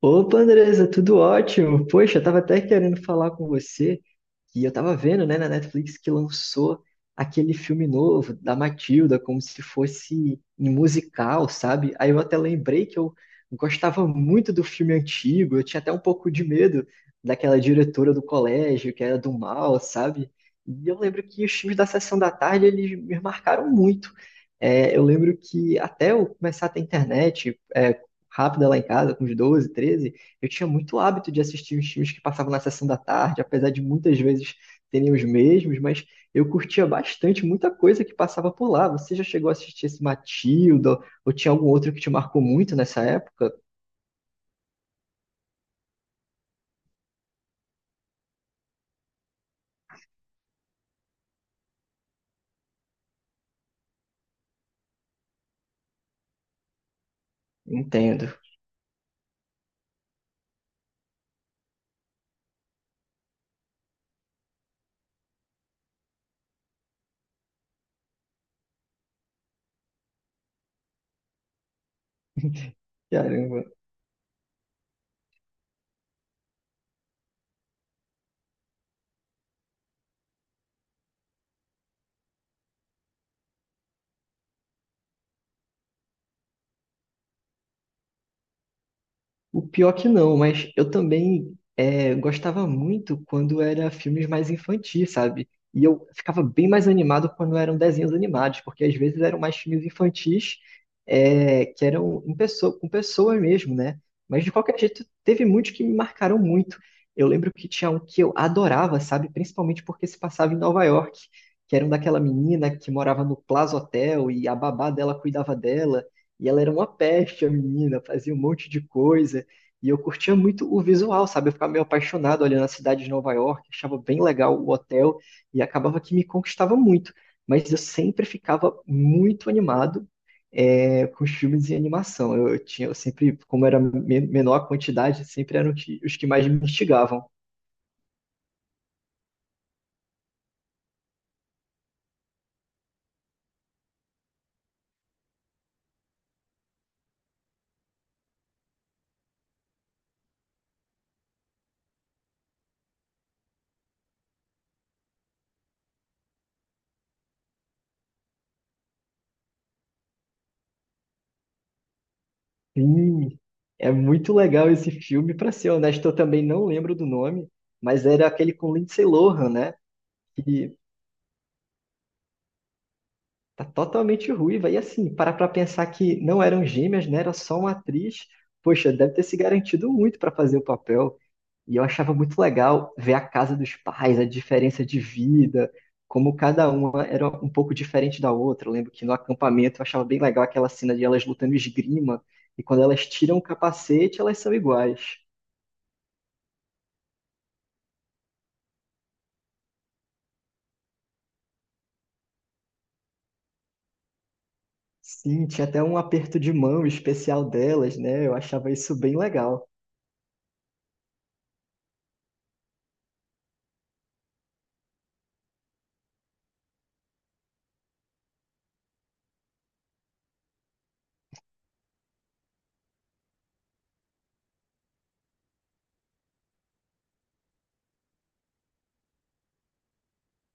Opa, Andresa, tudo ótimo. Poxa, eu tava até querendo falar com você que eu tava vendo, né, na Netflix que lançou aquele filme novo da Matilda, como se fosse um musical, sabe? Aí eu até lembrei que eu gostava muito do filme antigo, eu tinha até um pouco de medo daquela diretora do colégio, que era do mal, sabe? E eu lembro que os filmes da Sessão da Tarde, eles me marcaram muito. É, eu lembro que até eu começar a ter internet, rápida lá em casa, com uns 12, 13 eu tinha muito hábito de assistir os filmes que passavam na sessão da tarde, apesar de muitas vezes terem os mesmos, mas eu curtia bastante muita coisa que passava por lá. Você já chegou a assistir esse Matilda? Ou tinha algum outro que te marcou muito nessa época? Entendo. Caramba. O pior que não, mas eu também gostava muito quando era filmes mais infantis, sabe? E eu ficava bem mais animado quando eram desenhos animados, porque às vezes eram mais filmes infantis que eram em pessoa, com pessoas mesmo, né? Mas de qualquer jeito, teve muitos que me marcaram muito. Eu lembro que tinha um que eu adorava, sabe? Principalmente porque se passava em Nova York, que era um daquela menina que morava no Plaza Hotel e a babá dela cuidava dela. E ela era uma peste, a menina, fazia um monte de coisa. E eu curtia muito o visual, sabe? Eu ficava meio apaixonado olhando a cidade de Nova York, achava bem legal o hotel e acabava que me conquistava muito. Mas eu sempre ficava muito animado com os filmes de animação. Eu tinha eu sempre, como era menor a quantidade, sempre eram os que mais me instigavam. Sim, é muito legal esse filme. Para ser honesto, eu também não lembro do nome, mas era aquele com Lindsay Lohan, né? Tá totalmente ruiva. E assim, parar pra pensar que não eram gêmeas, né? Era só uma atriz. Poxa, deve ter se garantido muito pra fazer o papel. E eu achava muito legal ver a casa dos pais, a diferença de vida, como cada uma era um pouco diferente da outra. Eu lembro que no acampamento eu achava bem legal aquela cena de elas lutando esgrima, e quando elas tiram o capacete, elas são iguais. Sim, tinha até um aperto de mão especial delas, né? Eu achava isso bem legal.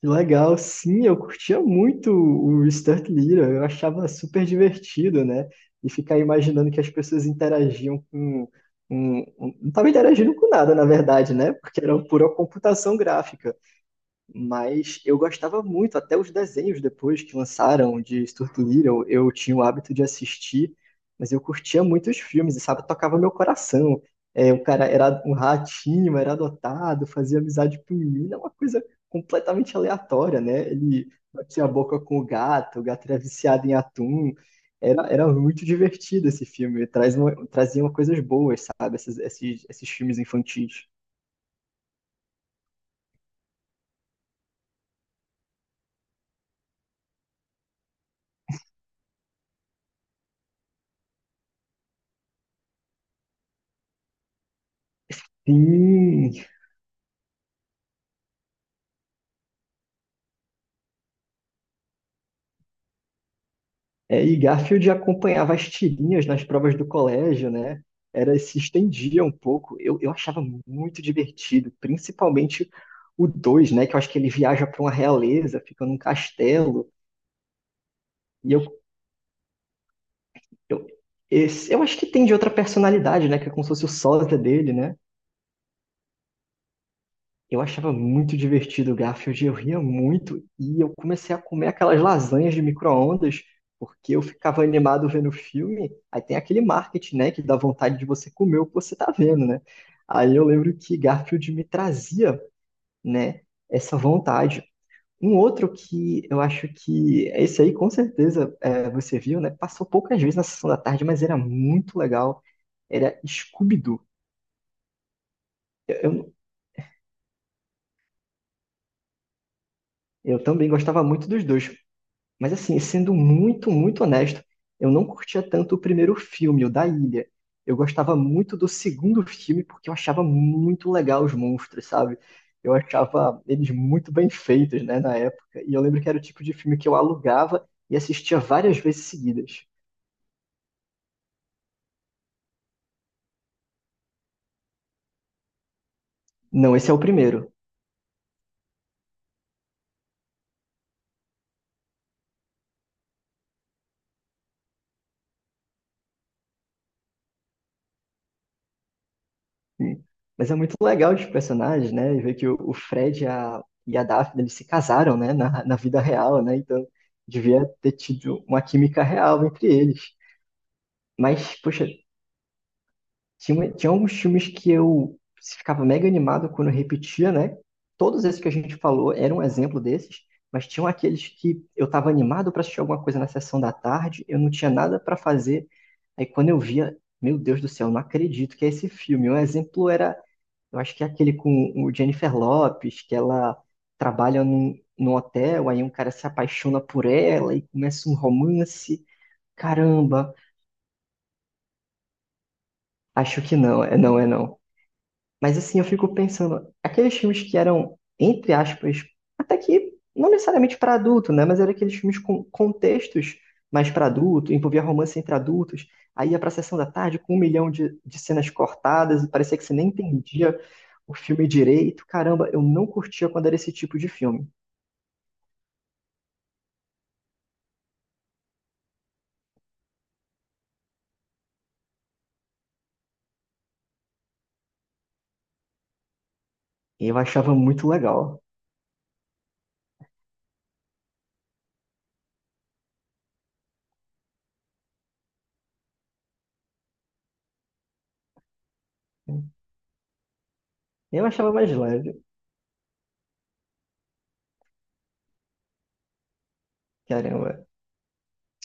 Que legal, sim, eu curtia muito o Sturt Little, eu achava super divertido, né? E ficar imaginando que as pessoas interagiam com. Não estava interagindo com nada, na verdade, né? Porque era pura computação gráfica. Mas eu gostava muito, até os desenhos depois que lançaram de Stuart Little, eu tinha o hábito de assistir, mas eu curtia muito os filmes, e sabe, tocava meu coração. É, o cara era um ratinho, era adotado, fazia amizade com menina, uma coisa completamente aleatória, né? Ele batia a boca com o gato era viciado em atum. Era muito divertido esse filme, traz uma, trazia coisas boas, sabe, esses filmes infantis. Sim, é, e Garfield acompanhava as tirinhas nas provas do colégio, né? Era, se estendia um pouco. Eu achava muito divertido, principalmente o 2, né? Que eu acho que ele viaja para uma realeza, fica num castelo. E eu, eu, eu acho que tem de outra personalidade, né? Que é como se fosse o sósia dele, né? Eu achava muito divertido o Garfield, eu ria muito e eu comecei a comer aquelas lasanhas de micro-ondas porque eu ficava animado vendo o filme. Aí tem aquele marketing, né, que dá vontade de você comer o que você tá vendo, né? Aí eu lembro que Garfield me trazia, né, essa vontade. Um outro que eu acho que esse aí com certeza você viu, né? Passou poucas vezes na sessão da tarde, mas era muito legal. Era Scooby-Doo. Eu, eu eu também gostava muito dos dois. Mas assim, sendo muito, muito honesto, eu não curtia tanto o primeiro filme, o da Ilha. Eu gostava muito do segundo filme porque eu achava muito legal os monstros, sabe? Eu achava eles muito bem feitos, né, na época. E eu lembro que era o tipo de filme que eu alugava e assistia várias vezes seguidas. Não, esse é o primeiro. Hum. Mas é muito legal os personagens, né? E ver que o Fred e a Daphne, eles se casaram, né, na, na vida real, né? Então devia ter tido uma química real entre eles. Mas, poxa, tinha alguns filmes que eu ficava mega animado quando eu repetia, né? Todos esses que a gente falou eram um exemplo desses, mas tinham aqueles que eu estava animado para assistir alguma coisa na sessão da tarde, eu não tinha nada para fazer. Aí quando eu via, meu Deus do céu, não acredito que é esse filme. Um exemplo era, eu acho que é aquele com o Jennifer Lopez, que ela trabalha num, num hotel, aí um cara se apaixona por ela e começa um romance. Caramba, acho que não, é não, é não. Mas assim, eu fico pensando, aqueles filmes que eram, entre aspas, até que não necessariamente para adulto, né? Mas eram aqueles filmes com contextos mais para adulto, envolvia romance entre adultos, aí ia pra sessão da tarde com um milhão de cenas cortadas, e parecia que você nem entendia o filme direito. Caramba, eu não curtia quando era esse tipo de filme. Eu achava muito legal. Eu achava mais leve, caramba.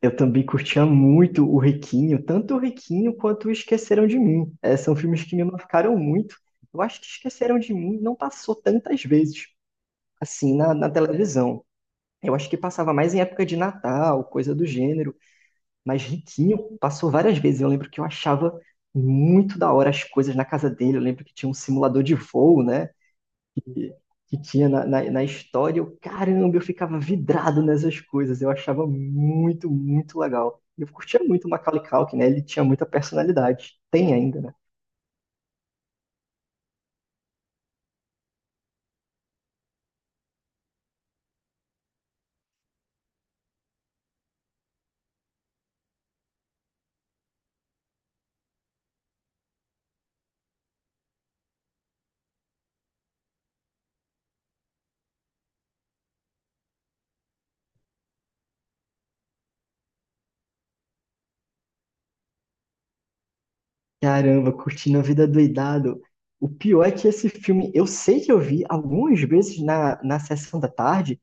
Eu também curtia muito o Riquinho, tanto o Riquinho quanto o Esqueceram de Mim. É, são filmes que me marcaram muito. Eu acho que Esqueceram de Mim não passou tantas vezes assim na, na televisão. Eu acho que passava mais em época de Natal, coisa do gênero, mas Riquinho passou várias vezes. Eu lembro que eu achava muito da hora as coisas na casa dele. Eu lembro que tinha um simulador de voo, né? que, que tinha na, na, na história. Eu, caramba, eu ficava vidrado nessas coisas. Eu achava muito, muito legal. E eu curtia muito o Macaulay Culkin, né? Ele tinha muita personalidade. Tem ainda, né? Caramba, curtindo a vida doidado. O pior é que esse filme, eu sei que eu vi algumas vezes na, na sessão da tarde,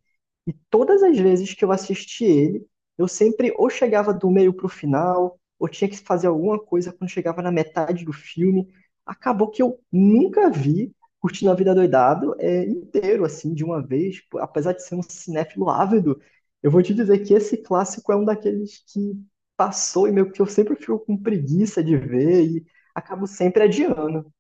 e todas as vezes que eu assisti ele, eu sempre ou chegava do meio pro final, ou tinha que fazer alguma coisa quando chegava na metade do filme. Acabou que eu nunca vi Curtindo a Vida Doidado inteiro, assim, de uma vez. Pô, apesar de ser um cinéfilo ávido, eu vou te dizer que esse clássico é um daqueles que passou e meio que eu sempre fico com preguiça de ver. Acabo sempre adiando.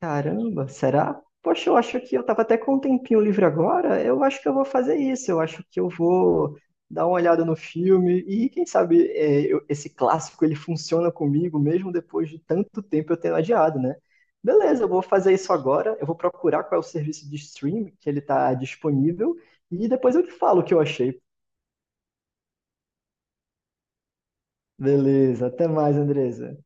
Caramba, será? Poxa, eu acho que eu tava até com um tempinho livre agora. Eu acho que eu vou fazer isso. Eu acho que eu vou dar uma olhada no filme e quem sabe esse clássico ele funciona comigo mesmo depois de tanto tempo eu tendo adiado, né? Beleza, eu vou fazer isso agora. Eu vou procurar qual é o serviço de stream que ele tá disponível e depois eu te falo o que eu achei. Beleza, até mais, Andresa.